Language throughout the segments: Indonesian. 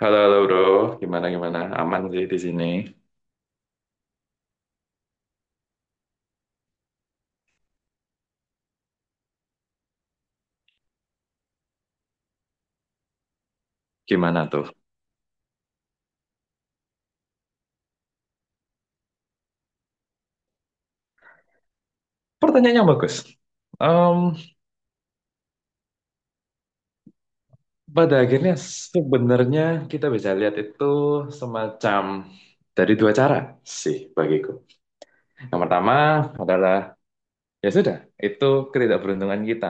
Halo, halo bro, gimana gimana? Aman sih di sini. Gimana tuh? Pertanyaannya bagus. Em, Pada akhirnya sebenarnya kita bisa lihat itu semacam dari dua cara sih bagiku. Yang pertama adalah ya sudah, itu ketidakberuntungan kita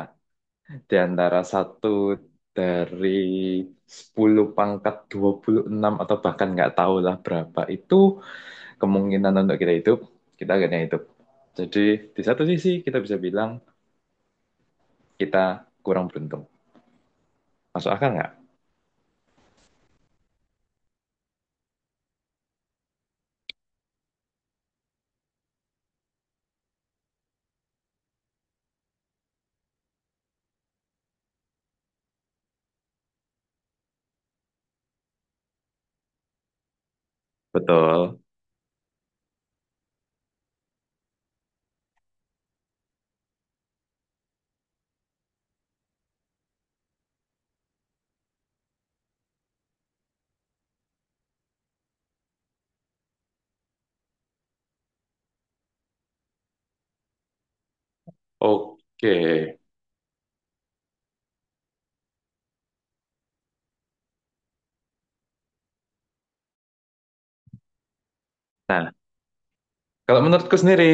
di antara satu dari 10^26 atau bahkan nggak tahulah berapa itu kemungkinan untuk kita hidup, kita akhirnya hidup. Jadi di satu sisi kita bisa bilang kita kurang beruntung. Masuk akal nggak? Betul. Oke. Nah, kalau menurutku sendiri,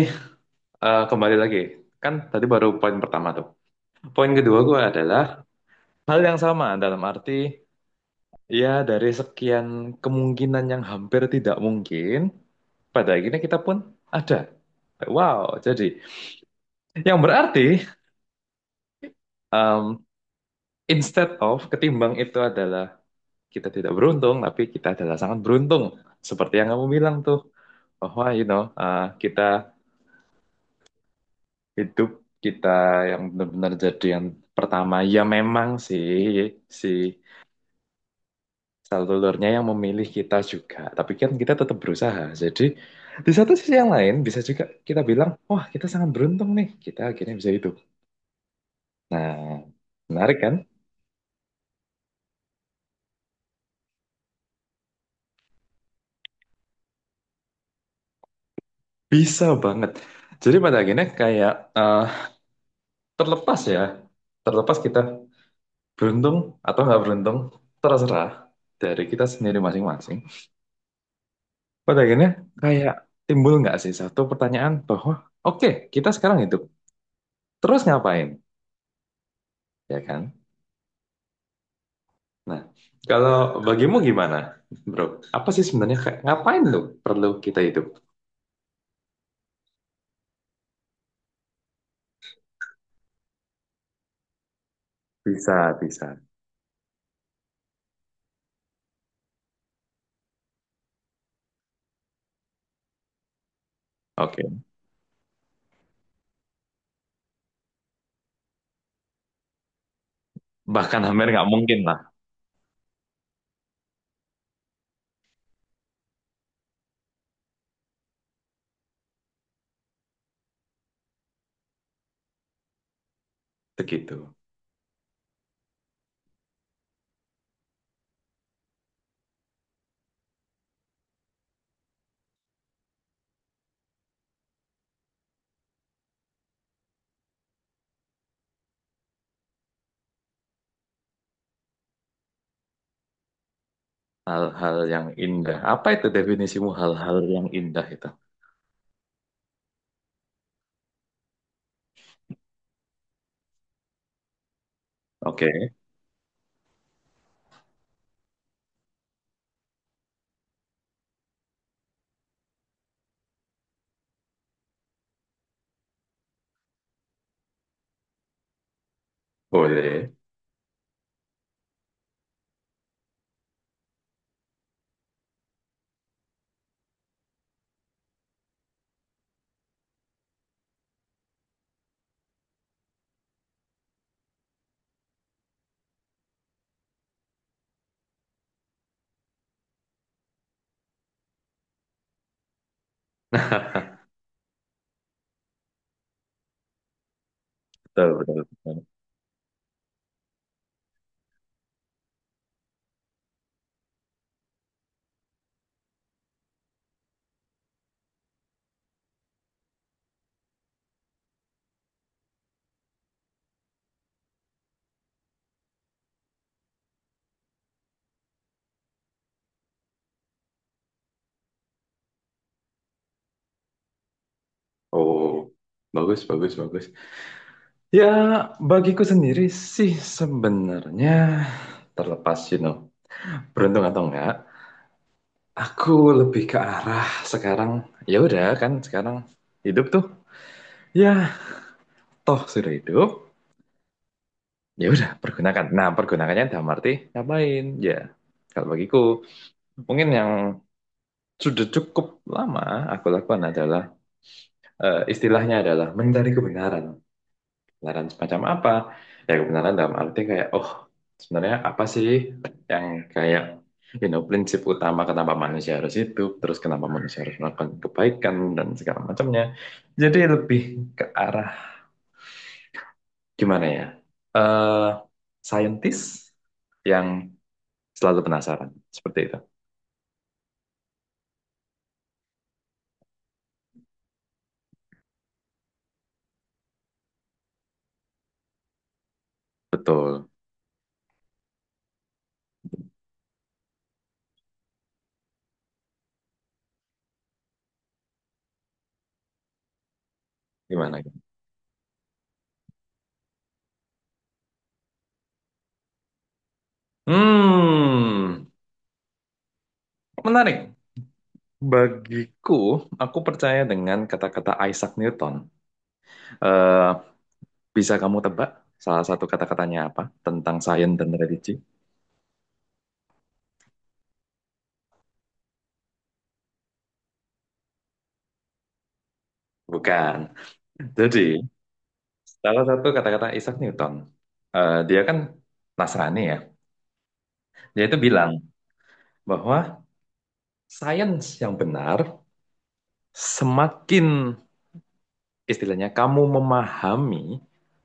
kembali lagi. Kan tadi baru poin pertama tuh. Poin kedua gue adalah hal yang sama dalam arti ya dari sekian kemungkinan yang hampir tidak mungkin, pada akhirnya kita pun ada. Wow, jadi yang berarti em, instead of ketimbang itu adalah kita tidak beruntung, tapi kita adalah sangat beruntung. Seperti yang kamu bilang tuh, bahwa kita hidup, kita yang benar-benar jadi yang pertama. Ya memang sih, si selulurnya yang memilih kita juga. Tapi kan kita tetap berusaha. Jadi di satu sisi yang lain bisa juga kita bilang, wah kita sangat beruntung nih, kita akhirnya bisa hidup. Nah, menarik kan? Bisa banget. Jadi pada akhirnya kayak eh, terlepas ya, terlepas kita beruntung atau nggak beruntung, terserah dari kita sendiri masing-masing. Pada akhirnya kayak timbul nggak sih satu pertanyaan bahwa oke kita sekarang hidup, terus ngapain, ya kan? Nah, kalau bagimu gimana, bro? Apa sih sebenarnya kayak ngapain lu perlu kita hidup? Bisa, bisa. Oke, bahkan hampir nggak mungkin lah, begitu. Hal-hal yang indah. Apa itu definisimu hal-hal yang indah itu? Oke, boleh. Betul, betul, betul. Oh, bagus, bagus, bagus. Ya, bagiku sendiri sih sebenarnya terlepas, beruntung atau enggak, aku lebih ke arah sekarang. Ya udah kan, sekarang hidup tuh. Ya, toh sudah hidup. Ya udah, pergunakan. Nah, pergunakannya dalam arti ngapain? Ya, kalau bagiku mungkin yang sudah cukup lama aku lakukan adalah istilahnya adalah mencari kebenaran. Kebenaran semacam apa? Ya kebenaran dalam arti kayak, oh sebenarnya apa sih yang kayak prinsip utama kenapa manusia harus hidup, terus kenapa manusia harus melakukan kebaikan dan segala macamnya. Jadi lebih ke arah gimana ya? eh Saintis yang selalu penasaran seperti itu. Betul. Gimana? Hmm, Menarik. Bagiku, aku percaya dengan kata-kata Isaac Newton. Eh, Bisa kamu tebak salah satu kata-katanya apa tentang sains dan religi? Bukan. Jadi, salah satu kata-kata Isaac Newton, dia kan Nasrani ya, dia itu bilang bahwa sains yang benar semakin istilahnya kamu memahami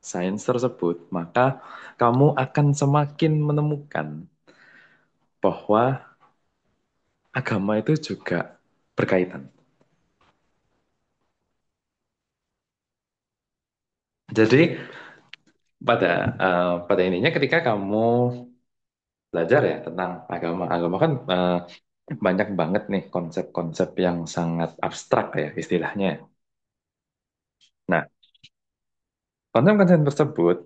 sains tersebut, maka kamu akan semakin menemukan bahwa agama itu juga berkaitan. Jadi, pada pada ininya ketika kamu belajar ya tentang agama. Agama kan banyak banget nih konsep-konsep yang sangat abstrak ya istilahnya. Nah, konsep-konsep tersebut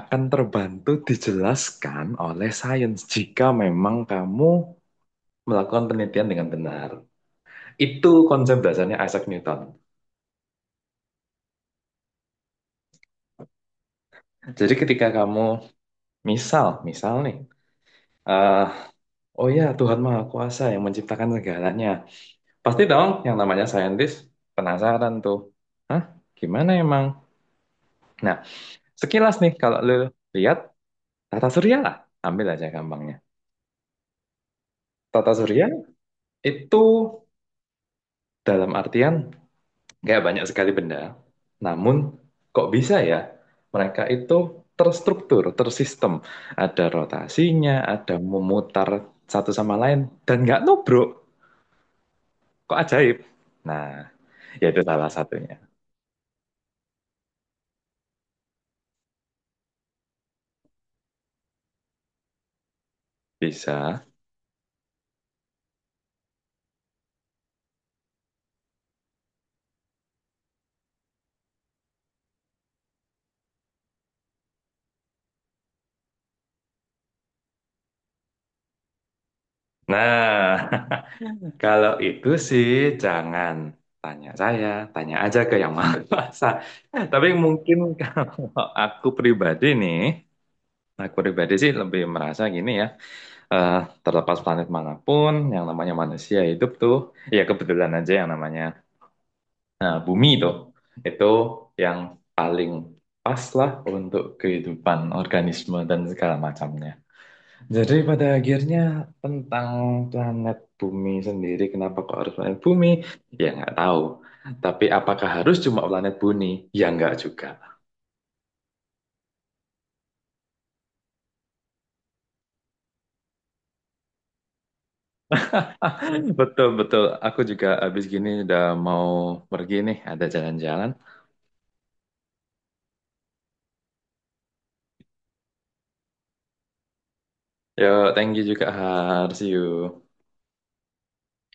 akan terbantu dijelaskan oleh sains jika memang kamu melakukan penelitian dengan benar. Itu konsep dasarnya Isaac Newton. Jadi ketika kamu misal, misal nih, eh, oh ya Tuhan Maha Kuasa yang menciptakan segalanya. Pasti dong yang namanya saintis penasaran tuh. Hah? Gimana emang? Nah, sekilas nih kalau lo lihat tata surya lah, ambil aja gampangnya. Tata surya itu dalam artian nggak banyak sekali benda, namun kok bisa ya mereka itu terstruktur, tersistem. Ada rotasinya, ada memutar satu sama lain, dan nggak nubruk. Kok ajaib? Nah, ya itu salah satunya. Bisa. Nah, kalau itu sih jangan tanya saya, tanya aja ke yang maha kuasa. Tapi mungkin kalau aku pribadi nih, aku pribadi sih lebih merasa gini ya, eh, terlepas planet manapun, yang namanya manusia hidup tuh, ya kebetulan aja yang namanya bumi tuh, itu yang paling pas lah untuk kehidupan organisme dan segala macamnya. Jadi pada akhirnya tentang planet bumi sendiri, kenapa kok harus planet bumi? Ya nggak tahu. Tapi apakah harus cuma planet bumi? Ya nggak juga. Betul, betul. Aku juga habis gini udah mau pergi nih, ada jalan-jalan. Yo, thank you juga, Har. See you.